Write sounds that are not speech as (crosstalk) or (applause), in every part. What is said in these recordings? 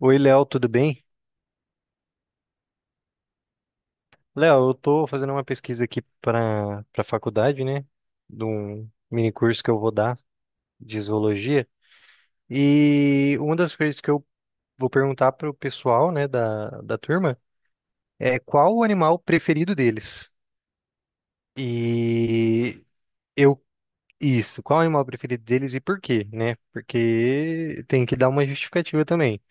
Oi, Léo, tudo bem? Léo, eu tô fazendo uma pesquisa aqui para faculdade, né? De um mini curso que eu vou dar de zoologia. E uma das coisas que eu vou perguntar pro pessoal, né, da turma é qual o animal preferido deles? E eu Isso, qual o animal preferido deles e por quê, né? Porque tem que dar uma justificativa também.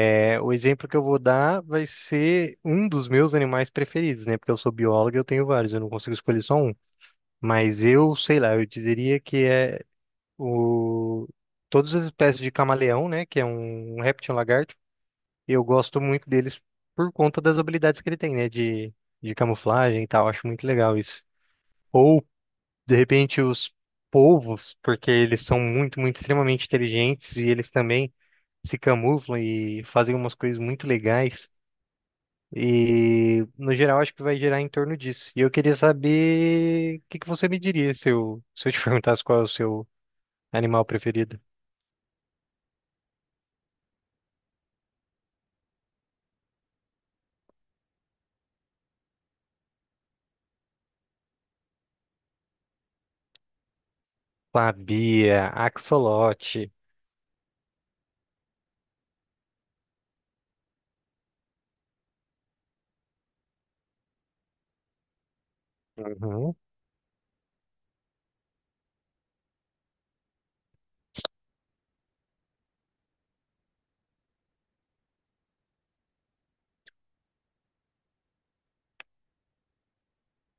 É, o exemplo que eu vou dar vai ser um dos meus animais preferidos, né? Porque eu sou biólogo e eu tenho vários, eu não consigo escolher só um. Mas eu, sei lá, eu dizeria que é o... todas as espécies de camaleão, né? Que é um réptil, um lagarto. Eu gosto muito deles por conta das habilidades que ele tem, né? De camuflagem e tal. Acho muito legal isso. Ou, de repente, os polvos, porque eles são muito, muito, extremamente inteligentes e eles também se camuflam e fazem umas coisas muito legais. E, no geral, acho que vai gerar em torno disso. E eu queria saber o que que você me diria se eu te (laughs) perguntasse qual é o seu animal preferido? Sabia, axolote. Uhum.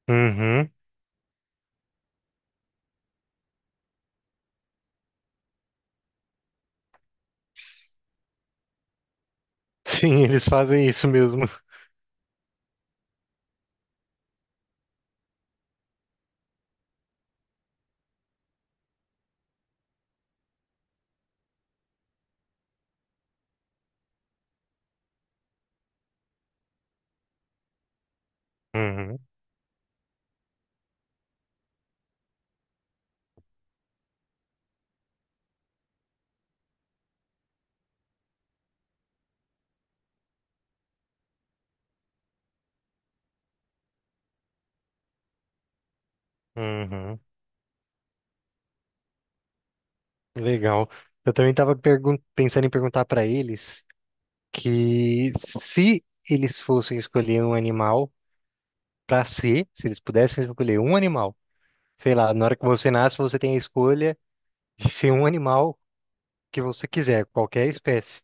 Uhum. Sim, eles fazem isso mesmo. Uhum. Uhum. Legal. Eu também estava pensando em perguntar para eles que se eles fossem escolher um animal para ser, se eles pudessem escolher um animal, sei lá, na hora que você nasce, você tem a escolha de ser um animal que você quiser, qualquer espécie.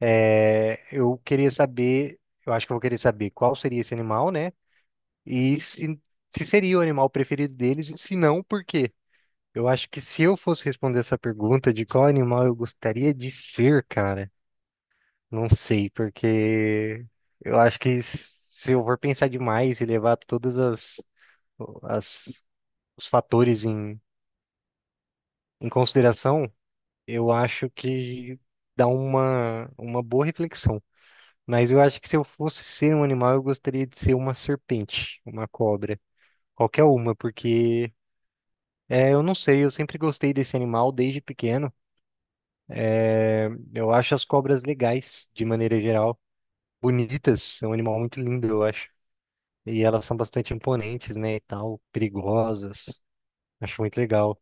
É, eu queria saber, eu acho que eu vou querer saber qual seria esse animal, né? E se seria o animal preferido deles e se não, por quê? Eu acho que se eu fosse responder essa pergunta de qual animal eu gostaria de ser, cara, não sei, porque eu acho que se eu for pensar demais e levar todas as, as os fatores em consideração, eu acho que dá uma boa reflexão. Mas eu acho que se eu fosse ser um animal, eu gostaria de ser uma serpente, uma cobra, qualquer uma, porque é, eu não sei, eu sempre gostei desse animal desde pequeno. Eu acho as cobras legais, de maneira geral. Bonitas, é um animal muito lindo, eu acho. E elas são bastante imponentes, né, e tal, perigosas. Acho muito legal.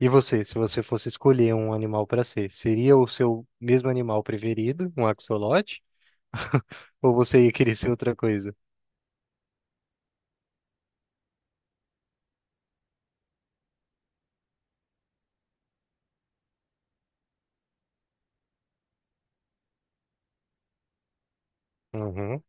E você, se você fosse escolher um animal para ser, seria o seu mesmo animal preferido, um axolote? (laughs) Ou você ia querer ser outra coisa? Uhum,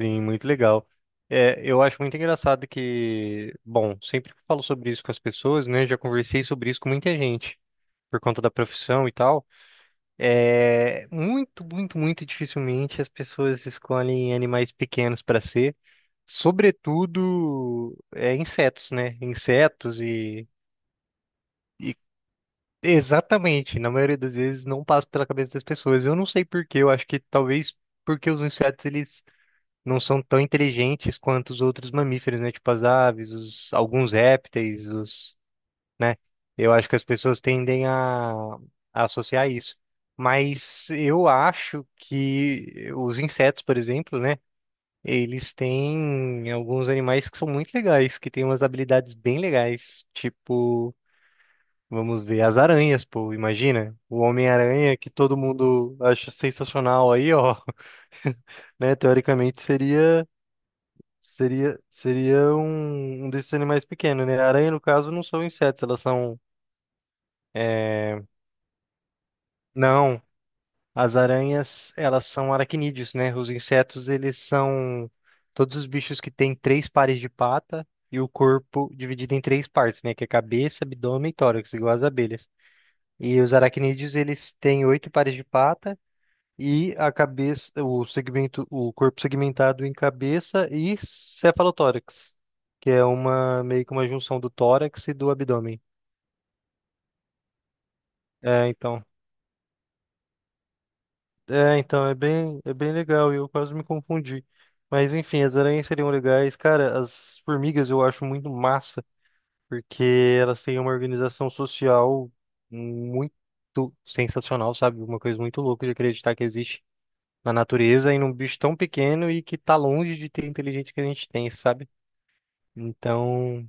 sim, muito legal. É, eu acho muito engraçado que, bom, sempre que eu falo sobre isso com as pessoas, né, já conversei sobre isso com muita gente. Por conta da profissão e tal, é muito, muito, muito dificilmente as pessoas escolhem animais pequenos para ser, sobretudo insetos, né? Insetos e Exatamente, na maioria das vezes não passa pela cabeça das pessoas. Eu não sei por quê, eu acho que talvez porque os insetos eles não são tão inteligentes quanto os outros mamíferos, né? Tipo as aves, os, alguns répteis, os, né? Eu acho que as pessoas tendem a associar isso. Mas eu acho que os insetos, por exemplo, né? Eles têm alguns animais que são muito legais, que têm umas habilidades bem legais. Tipo, vamos ver, as aranhas, pô, imagina. O Homem-Aranha, que todo mundo acha sensacional aí, ó. (laughs) Né? Teoricamente seria seria seria um desses animais pequenos, né? A aranha, no caso, não são insetos, elas são. é, Não, as aranhas, elas são aracnídeos, né? Os insetos, eles são todos os bichos que têm três pares de pata e o corpo dividido em três partes, né? Que é cabeça, abdômen e tórax, igual as abelhas. E os aracnídeos, eles têm oito pares de pata e a cabeça, o segmento, o corpo segmentado em cabeça e cefalotórax, que é uma meio que uma junção do tórax e do abdômen. É, então. É, então, é bem legal e eu quase me confundi. Mas enfim, as aranhas seriam legais. Cara, as formigas eu acho muito massa, porque elas têm uma organização social muito sensacional, sabe? Uma coisa muito louca de acreditar que existe na natureza e num bicho tão pequeno e que tá longe de ter a inteligência que a gente tem, sabe? Então,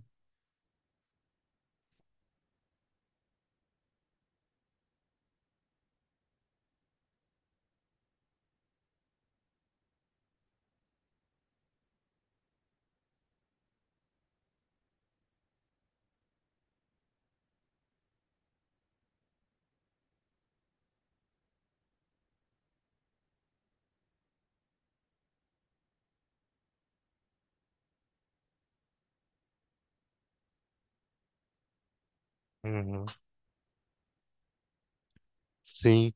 uhum, sim.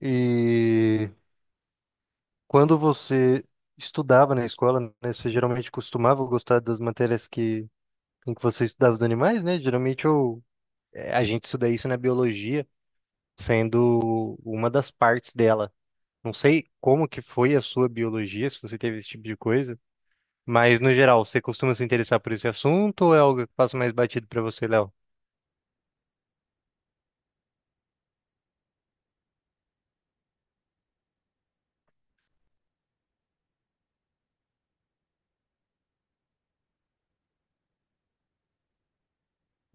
E quando você estudava na escola, né, você geralmente costumava gostar das matérias que em que você estudava os animais, né? Geralmente a gente estuda isso na biologia, sendo uma das partes dela. Não sei como que foi a sua biologia, se você teve esse tipo de coisa, mas no geral, você costuma se interessar por esse assunto ou é algo que passa mais batido para você, Léo?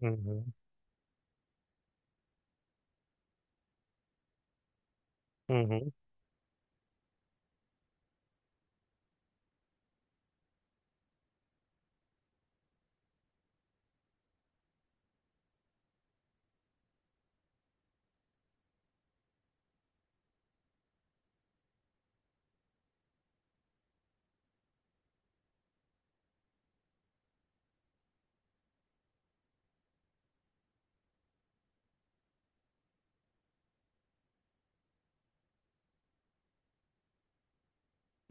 Uhum, uhum.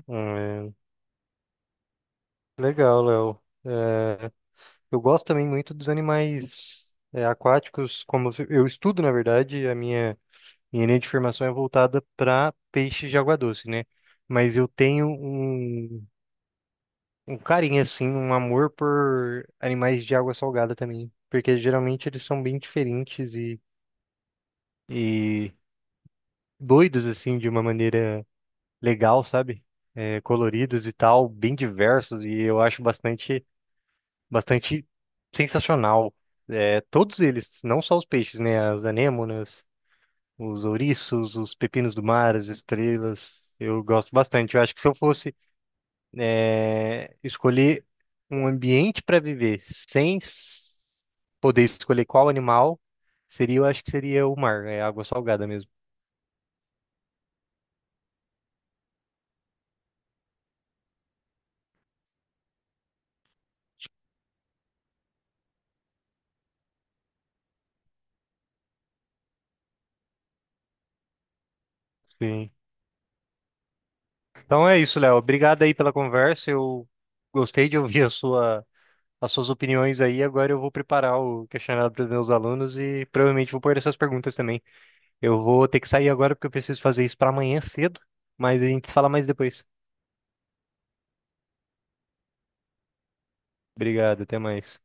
É. Legal, Léo. É, eu gosto também muito dos animais aquáticos, como eu estudo, na verdade, a minha minha linha de formação é voltada para peixes de água doce, né? Mas eu tenho um carinho, assim, um amor por animais de água salgada também. Porque geralmente eles são bem diferentes e doidos, assim, de uma maneira legal, sabe? É, coloridos e tal, bem diversos. E eu acho bastante sensacional. É, todos eles, não só os peixes, né? As anêmonas. Os ouriços, os pepinos do mar, as estrelas. Eu gosto bastante. Eu acho que se eu fosse escolher um ambiente para viver sem s- poder escolher qual animal, seria, eu acho que seria o mar, é água salgada mesmo. Sim. Então é isso, Léo. Obrigado aí pela conversa. Eu gostei de ouvir as suas opiniões aí. Agora eu vou preparar o questionário para os meus alunos e provavelmente vou pôr essas perguntas também. Eu vou ter que sair agora porque eu preciso fazer isso para amanhã cedo, mas a gente se fala mais depois. Obrigado, até mais.